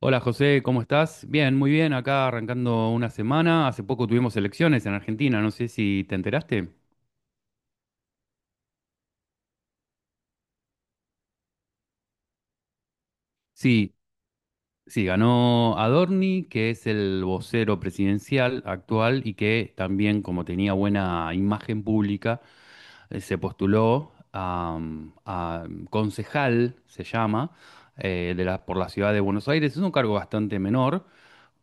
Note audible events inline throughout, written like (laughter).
Hola José, ¿cómo estás? Bien, muy bien, acá arrancando una semana. Hace poco tuvimos elecciones en Argentina, no sé si te enteraste. Sí, sí, ganó Adorni, que es el vocero presidencial actual y que también, como tenía buena imagen pública, se postuló a concejal, se llama, por la ciudad de Buenos Aires. Es un cargo bastante menor,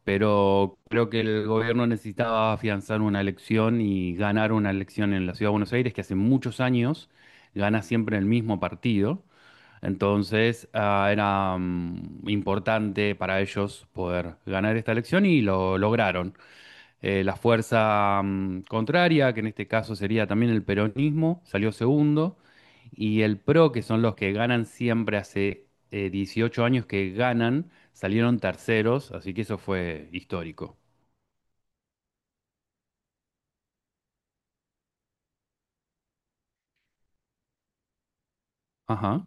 pero creo que el gobierno necesitaba afianzar una elección y ganar una elección en la Ciudad de Buenos Aires, que hace muchos años gana siempre el mismo partido. Entonces, era importante para ellos poder ganar esta elección y lo lograron. La fuerza contraria, que en este caso sería también el peronismo, salió segundo. Y el PRO, que son los que ganan siempre hace 18 años que ganan, salieron terceros, así que eso fue histórico. Ajá.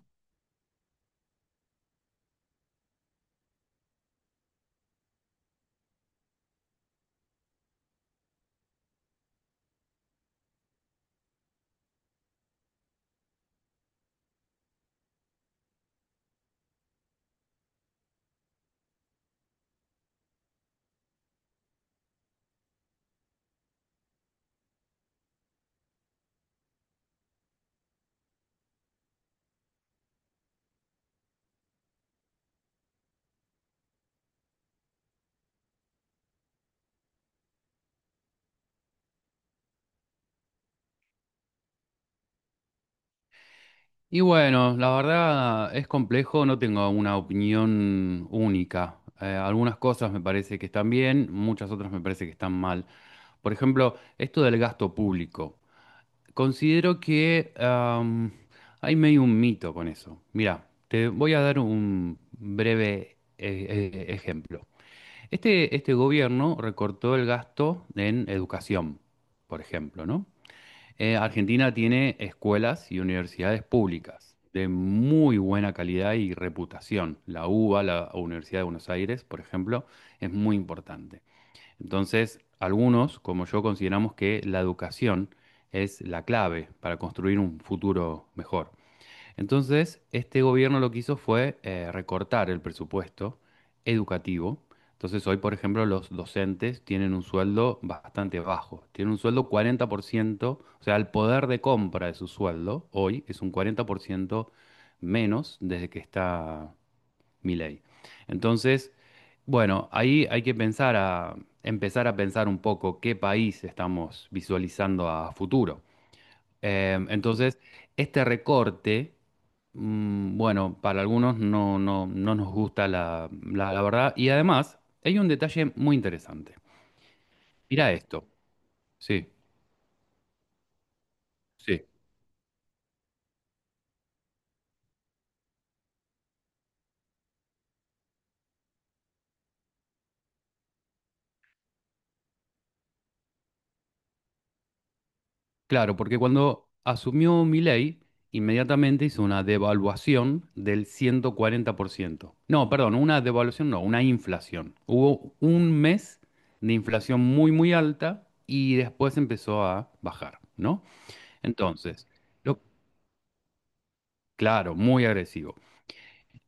Y bueno, la verdad es complejo, no tengo una opinión única. Algunas cosas me parece que están bien, muchas otras me parece que están mal. Por ejemplo, esto del gasto público. Considero que hay medio un mito con eso. Mira, te voy a dar un breve ejemplo. Este gobierno recortó el gasto en educación, por ejemplo, ¿no? Argentina tiene escuelas y universidades públicas de muy buena calidad y reputación. La UBA, la Universidad de Buenos Aires, por ejemplo, es muy importante. Entonces, algunos, como yo, consideramos que la educación es la clave para construir un futuro mejor. Entonces, este gobierno lo que hizo fue recortar el presupuesto educativo. Entonces, hoy, por ejemplo, los docentes tienen un sueldo bastante bajo. Tienen un sueldo 40%, o sea, el poder de compra de su sueldo hoy es un 40% menos desde que está Milei. Entonces, bueno, ahí hay que pensar empezar a pensar un poco qué país estamos visualizando a futuro. Entonces, este recorte, bueno, para algunos no, no, no nos gusta la verdad. Y además, hay un detalle muy interesante. Mira esto. Sí, sí. Claro, porque cuando asumió Milei, inmediatamente hizo una devaluación del 140%. No, perdón, una devaluación no, una inflación. Hubo un mes de inflación muy, muy alta y después empezó a bajar, ¿no? Entonces, lo, claro, muy agresivo.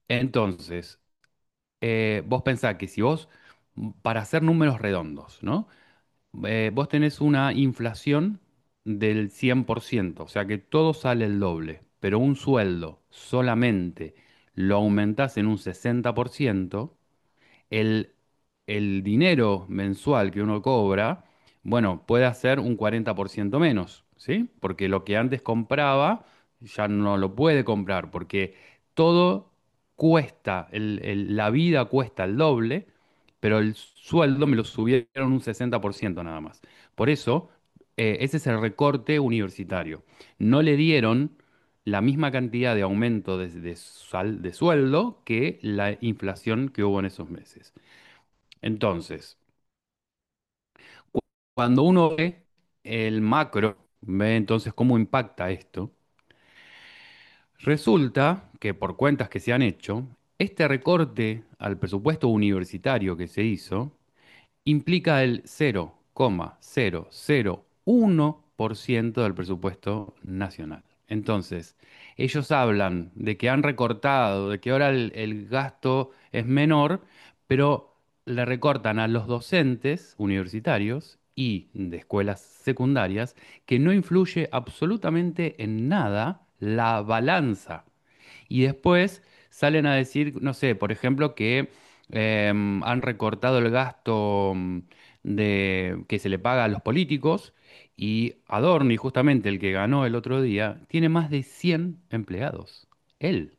Entonces, vos pensás que si vos, para hacer números redondos, ¿no? Vos tenés una inflación del 100%, o sea que todo sale el doble, pero un sueldo solamente lo aumentás en un 60% el, el dinero mensual que uno cobra, bueno, puede hacer un 40% menos, ¿sí? Porque lo que antes compraba ya no lo puede comprar, porque todo cuesta, la vida cuesta el doble, pero el sueldo me lo subieron un 60% nada más. Por eso, ese es el recorte universitario. No le dieron la misma cantidad de aumento de sueldo que la inflación que hubo en esos meses. Entonces, cuando uno ve el macro, ve entonces cómo impacta esto, resulta que por cuentas que se han hecho, este recorte al presupuesto universitario que se hizo implica el cero coma cero cero coma uno por ciento del presupuesto nacional. Entonces, ellos hablan de que han recortado, de que ahora el gasto es menor, pero le recortan a los docentes universitarios y de escuelas secundarias que no influye absolutamente en nada la balanza y después salen a decir, no sé, por ejemplo, que han recortado el gasto que se le paga a los políticos y Adorni, justamente el que ganó el otro día, tiene más de 100 empleados. Él,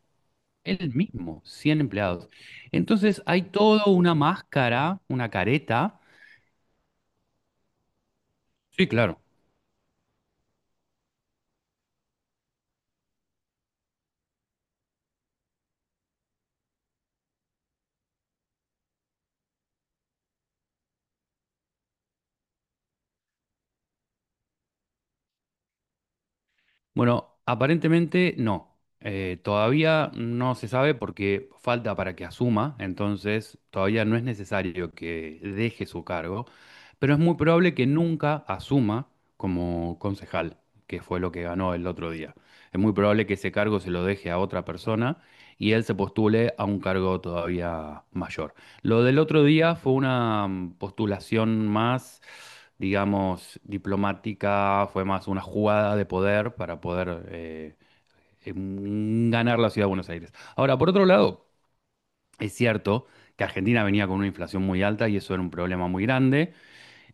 él mismo, 100 empleados. Entonces hay toda una máscara, una careta. Sí, claro. Bueno, aparentemente no. Todavía no se sabe porque falta para que asuma, entonces todavía no es necesario que deje su cargo, pero es muy probable que nunca asuma como concejal, que fue lo que ganó el otro día. Es muy probable que ese cargo se lo deje a otra persona y él se postule a un cargo todavía mayor. Lo del otro día fue una postulación más, digamos, diplomática, fue más una jugada de poder para poder ganar la ciudad de Buenos Aires. Ahora, por otro lado, es cierto que Argentina venía con una inflación muy alta y eso era un problema muy grande.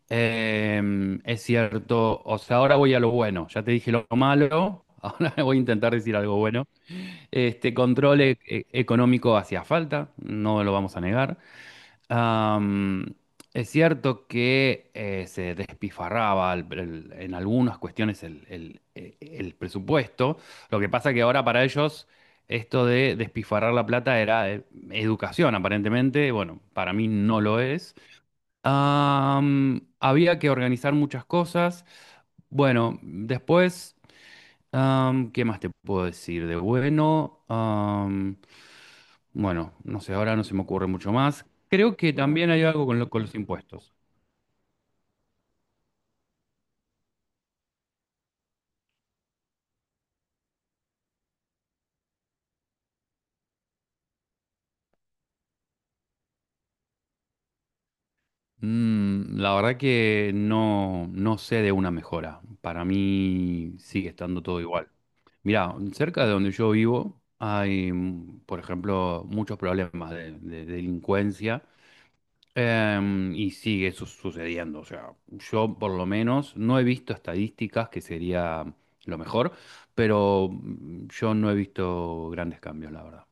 Es cierto, o sea, ahora voy a lo bueno, ya te dije lo malo. (laughs) Ahora voy a intentar decir algo bueno. Este control económico hacía falta, no lo vamos a negar. Am, es cierto que se despifarraba en algunas cuestiones el presupuesto. Lo que pasa que ahora para ellos esto de despifarrar la plata era educación, aparentemente. Bueno, para mí no lo es. Había que organizar muchas cosas. Bueno, después, ¿qué más te puedo decir de bueno? Bueno, no sé, ahora no se me ocurre mucho más. Creo que también hay algo con, con los impuestos. La verdad que no, no sé de una mejora. Para mí sigue estando todo igual. Mirá, cerca de donde yo vivo hay, por ejemplo, muchos problemas de delincuencia y sigue sucediendo. O sea, yo por lo menos no he visto estadísticas, que sería lo mejor, pero yo no he visto grandes cambios, la verdad.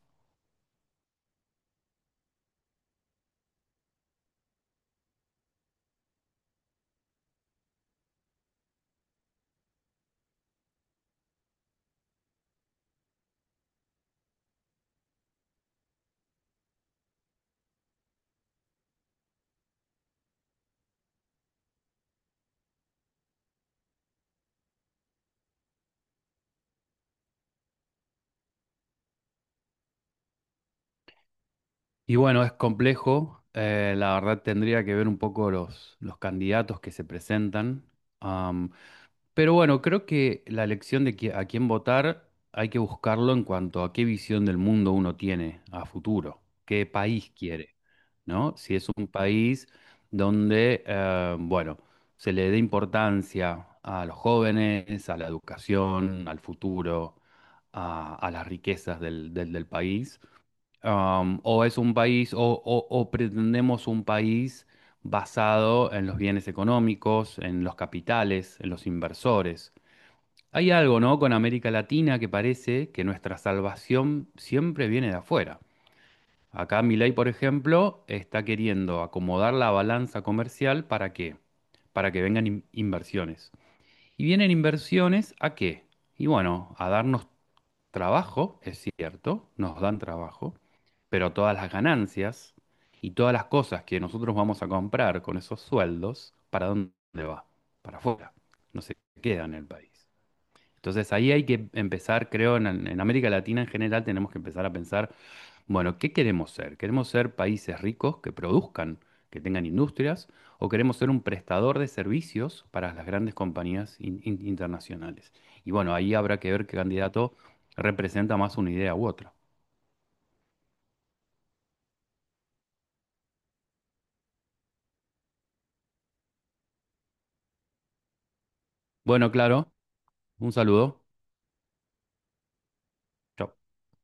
Y bueno, es complejo. La verdad tendría que ver un poco los candidatos que se presentan. am, pero bueno, creo que la elección de a quién votar hay que buscarlo en cuanto a qué visión del mundo uno tiene a futuro, qué país quiere, ¿no? Si es un país donde, bueno, se le dé importancia a los jóvenes, a la educación, al futuro, a las riquezas del país o es un país, o pretendemos un país basado en los bienes económicos, en los capitales, en los inversores. Hay algo, ¿no? Con América Latina que parece que nuestra salvación siempre viene de afuera. Acá Milei, por ejemplo, está queriendo acomodar la balanza comercial ¿para qué? Para que vengan inversiones. Y vienen inversiones ¿a qué? Y bueno, a darnos trabajo, es cierto, nos dan trabajo, pero todas las ganancias y todas las cosas que nosotros vamos a comprar con esos sueldos, ¿para dónde va? Para afuera, no se queda en el país. Entonces ahí hay que empezar, creo, en América Latina en general tenemos que empezar a pensar bueno, ¿qué queremos ser? ¿Queremos ser países ricos que produzcan, que tengan industrias, o queremos ser un prestador de servicios para las grandes compañías internacionales? Y bueno, ahí habrá que ver qué candidato representa más una idea u otra. Bueno, claro, un saludo. Chau.